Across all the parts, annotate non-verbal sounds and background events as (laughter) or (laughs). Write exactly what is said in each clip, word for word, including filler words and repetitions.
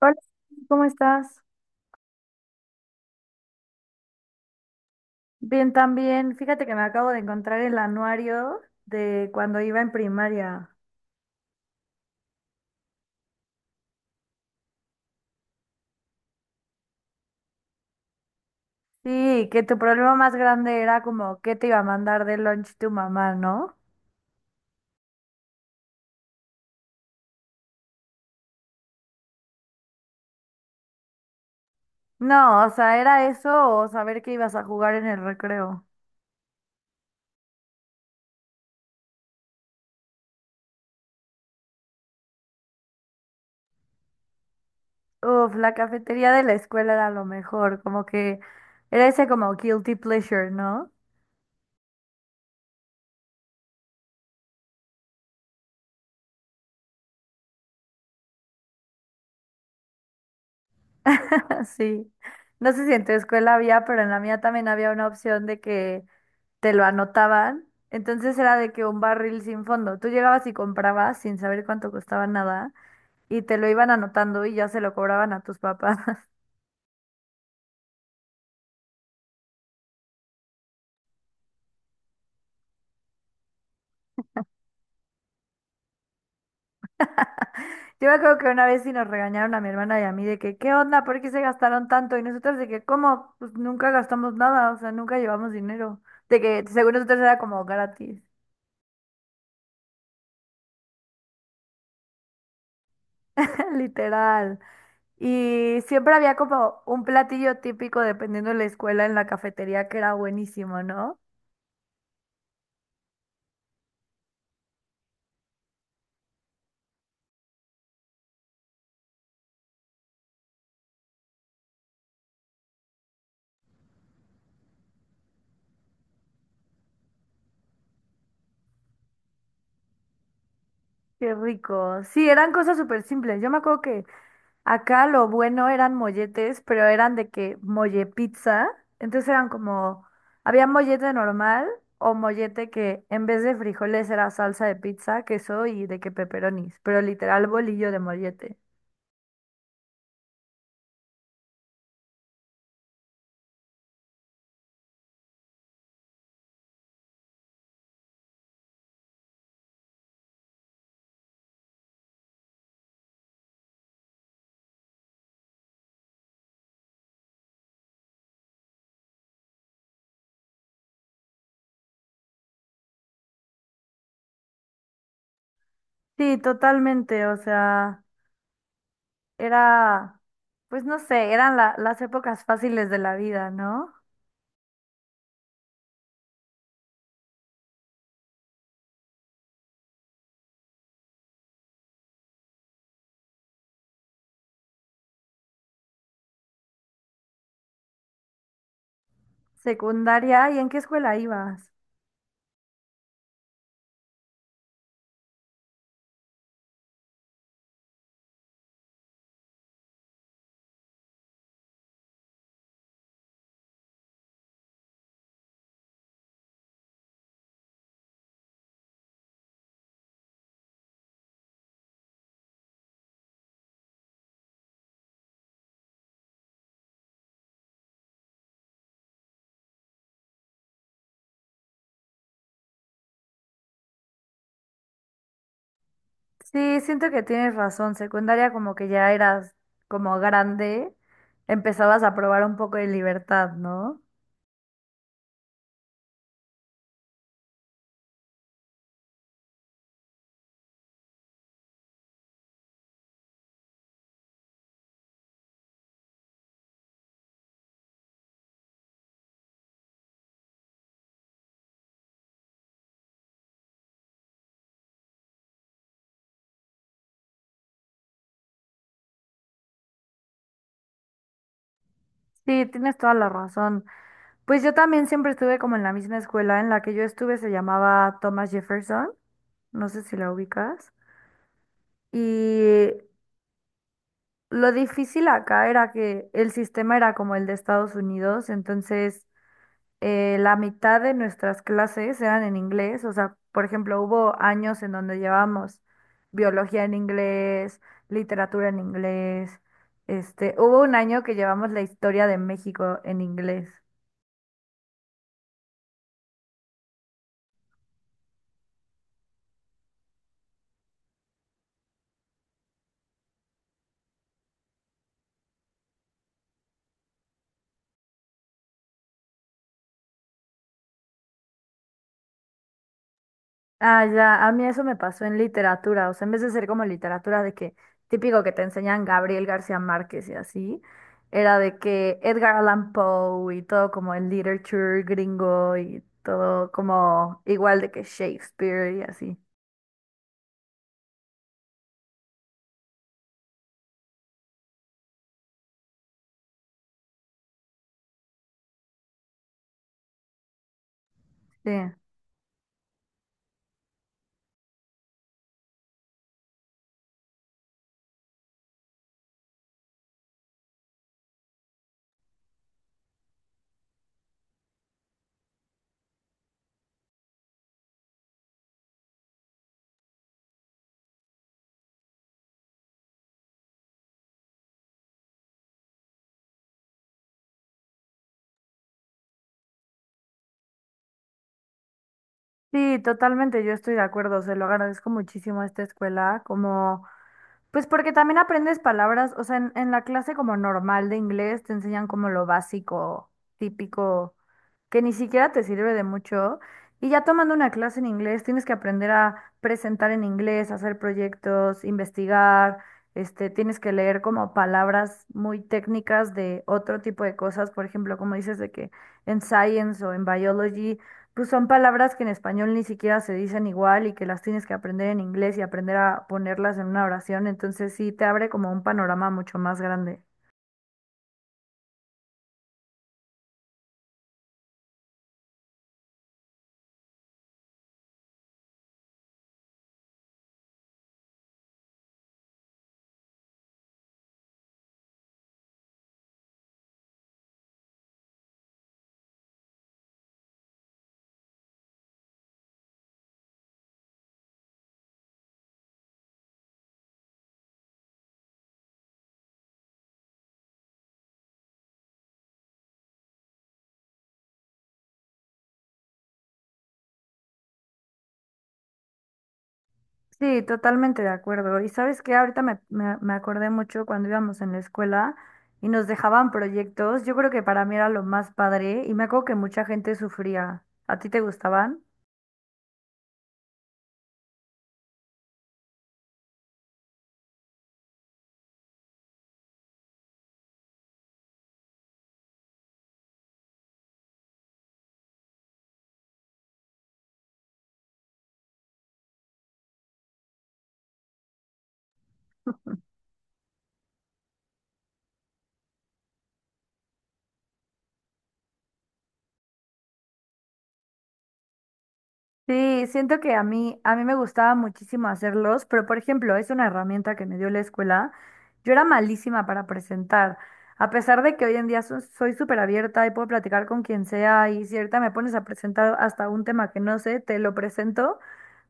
Hola, ¿cómo estás? Bien, también. Fíjate que me acabo de encontrar el anuario de cuando iba en primaria. Sí, que tu problema más grande era como qué te iba a mandar de lunch tu mamá, ¿no? No, o sea, era eso o saber que ibas a jugar en el recreo. Uf, la cafetería de la escuela era lo mejor, como que era ese como guilty pleasure, ¿no? (laughs) Sí. No sé si en tu escuela había, pero en la mía también había una opción de que te lo anotaban. Entonces era de que un barril sin fondo. Tú llegabas y comprabas sin saber cuánto costaba nada y te lo iban anotando y ya se lo cobraban a tus papás. (laughs) Yo me acuerdo que una vez sí nos regañaron a mi hermana y a mí de que, ¿qué onda? ¿Por qué se gastaron tanto? Y nosotros de que, ¿cómo? Pues nunca gastamos nada, o sea, nunca llevamos dinero. De que según nosotros era como gratis, (laughs) literal. Y siempre había como un platillo típico dependiendo de la escuela en la cafetería que era buenísimo, ¿no? Qué rico. Sí, eran cosas súper simples. Yo me acuerdo que acá lo bueno eran molletes, pero eran de que molle pizza. Entonces eran como, había mollete normal o mollete que en vez de frijoles era salsa de pizza, queso y de que peperonis, pero literal bolillo de mollete. Sí, totalmente. O sea. Era, pues no sé, eran la- las épocas fáciles de la vida, ¿no? Secundaria, ¿y en qué escuela ibas? Sí, siento que tienes razón. Secundaria como que ya eras como grande, empezabas a probar un poco de libertad, ¿no? Sí, tienes toda la razón. Pues yo también siempre estuve como en la misma escuela en la que yo estuve, se llamaba Thomas Jefferson, no sé si la ubicas. Y lo difícil acá era que el sistema era como el de Estados Unidos, entonces eh, la mitad de nuestras clases eran en inglés, o sea, por ejemplo, hubo años en donde llevábamos biología en inglés, literatura en inglés, este, hubo un año que llevamos la historia de México en inglés. Ah, ya, a mí eso me pasó en literatura, o sea, en vez de ser como literatura de que típico que te enseñan Gabriel García Márquez y así, era de que Edgar Allan Poe y todo como el literature gringo y todo como igual de que Shakespeare y así. Sí, sí, totalmente, yo estoy de acuerdo, se lo agradezco muchísimo a esta escuela, como, pues porque también aprendes palabras, o sea, en, en la clase como normal de inglés te enseñan como lo básico, típico, que ni siquiera te sirve de mucho, y ya tomando una clase en inglés tienes que aprender a presentar en inglés, hacer proyectos, investigar, este, tienes que leer como palabras muy técnicas de otro tipo de cosas, por ejemplo, como dices de que en science o en biology. Pues son palabras que en español ni siquiera se dicen igual y que las tienes que aprender en inglés y aprender a ponerlas en una oración, entonces sí te abre como un panorama mucho más grande. Sí, totalmente de acuerdo. Y sabes que ahorita me, me, me acordé mucho cuando íbamos en la escuela y nos dejaban proyectos. Yo creo que para mí era lo más padre y me acuerdo que mucha gente sufría. ¿A ti te gustaban? Sí, siento que a mí, a mí me gustaba muchísimo hacerlos, pero por ejemplo, es una herramienta que me dio la escuela. Yo era malísima para presentar. A pesar de que hoy en día so- soy súper abierta y puedo platicar con quien sea y si ahorita me pones a presentar hasta un tema que no sé, te lo presento,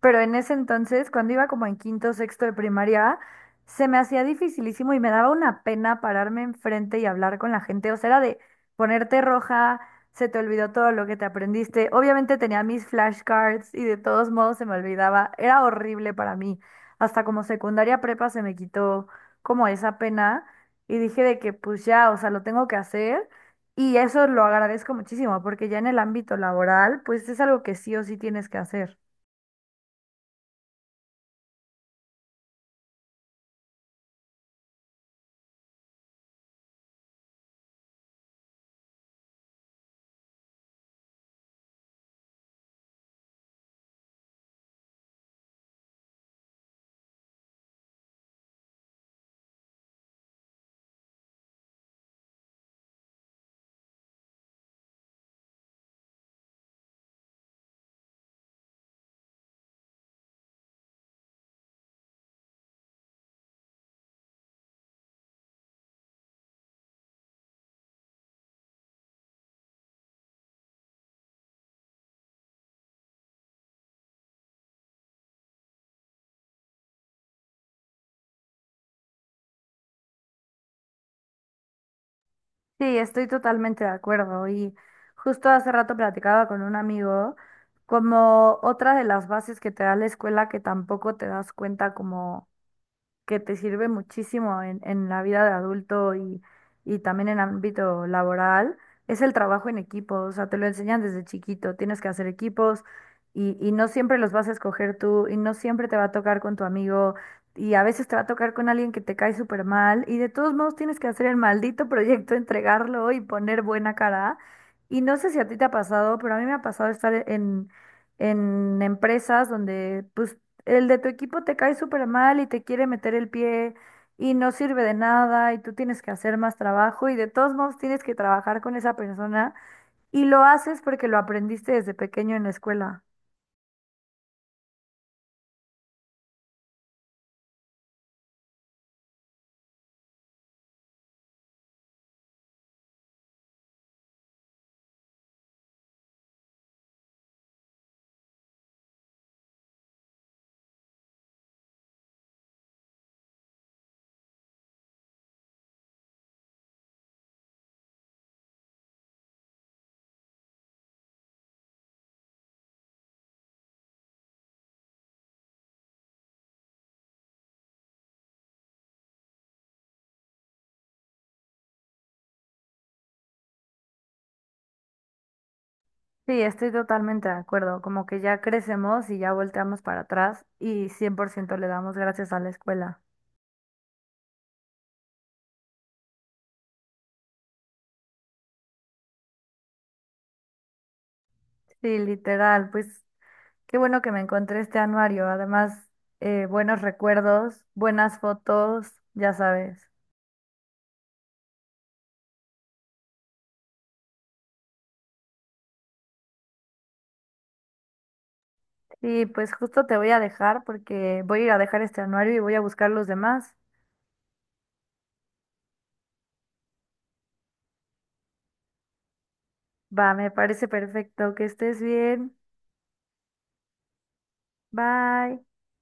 pero en ese entonces, cuando iba como en quinto, sexto de primaria, se me hacía dificilísimo y me daba una pena pararme enfrente y hablar con la gente. O sea, era de ponerte roja, se te olvidó todo lo que te aprendiste. Obviamente tenía mis flashcards y de todos modos se me olvidaba. Era horrible para mí. Hasta como secundaria prepa se me quitó como esa pena y dije de que pues ya, o sea, lo tengo que hacer. Y eso lo agradezco muchísimo porque ya en el ámbito laboral, pues es algo que sí o sí tienes que hacer. Sí, estoy totalmente de acuerdo. Y justo hace rato platicaba con un amigo como otra de las bases que te da la escuela que tampoco te das cuenta como que te sirve muchísimo en, en la vida de adulto y, y también en ámbito laboral, es el trabajo en equipo. O sea, te lo enseñan desde chiquito, tienes que hacer equipos y, y no siempre los vas a escoger tú y no siempre te va a tocar con tu amigo y a veces te va a tocar con alguien que te cae súper mal y de todos modos tienes que hacer el maldito proyecto, (laughs) entregarlo y poner buena cara. Y no sé si a ti te ha pasado, pero a mí me ha pasado estar en... en empresas donde pues el de tu equipo te cae súper mal y te quiere meter el pie y no sirve de nada y tú tienes que hacer más trabajo y de todos modos tienes que trabajar con esa persona y lo haces porque lo aprendiste desde pequeño en la escuela. Sí, estoy totalmente de acuerdo, como que ya crecemos y ya volteamos para atrás y cien por ciento le damos gracias a la escuela. Sí, literal, pues qué bueno que me encontré este anuario, además eh, buenos recuerdos, buenas fotos, ya sabes. Sí, pues justo te voy a dejar porque voy a ir a dejar este anuario y voy a buscar los demás. Va, me parece perfecto. Que estés bien. Bye.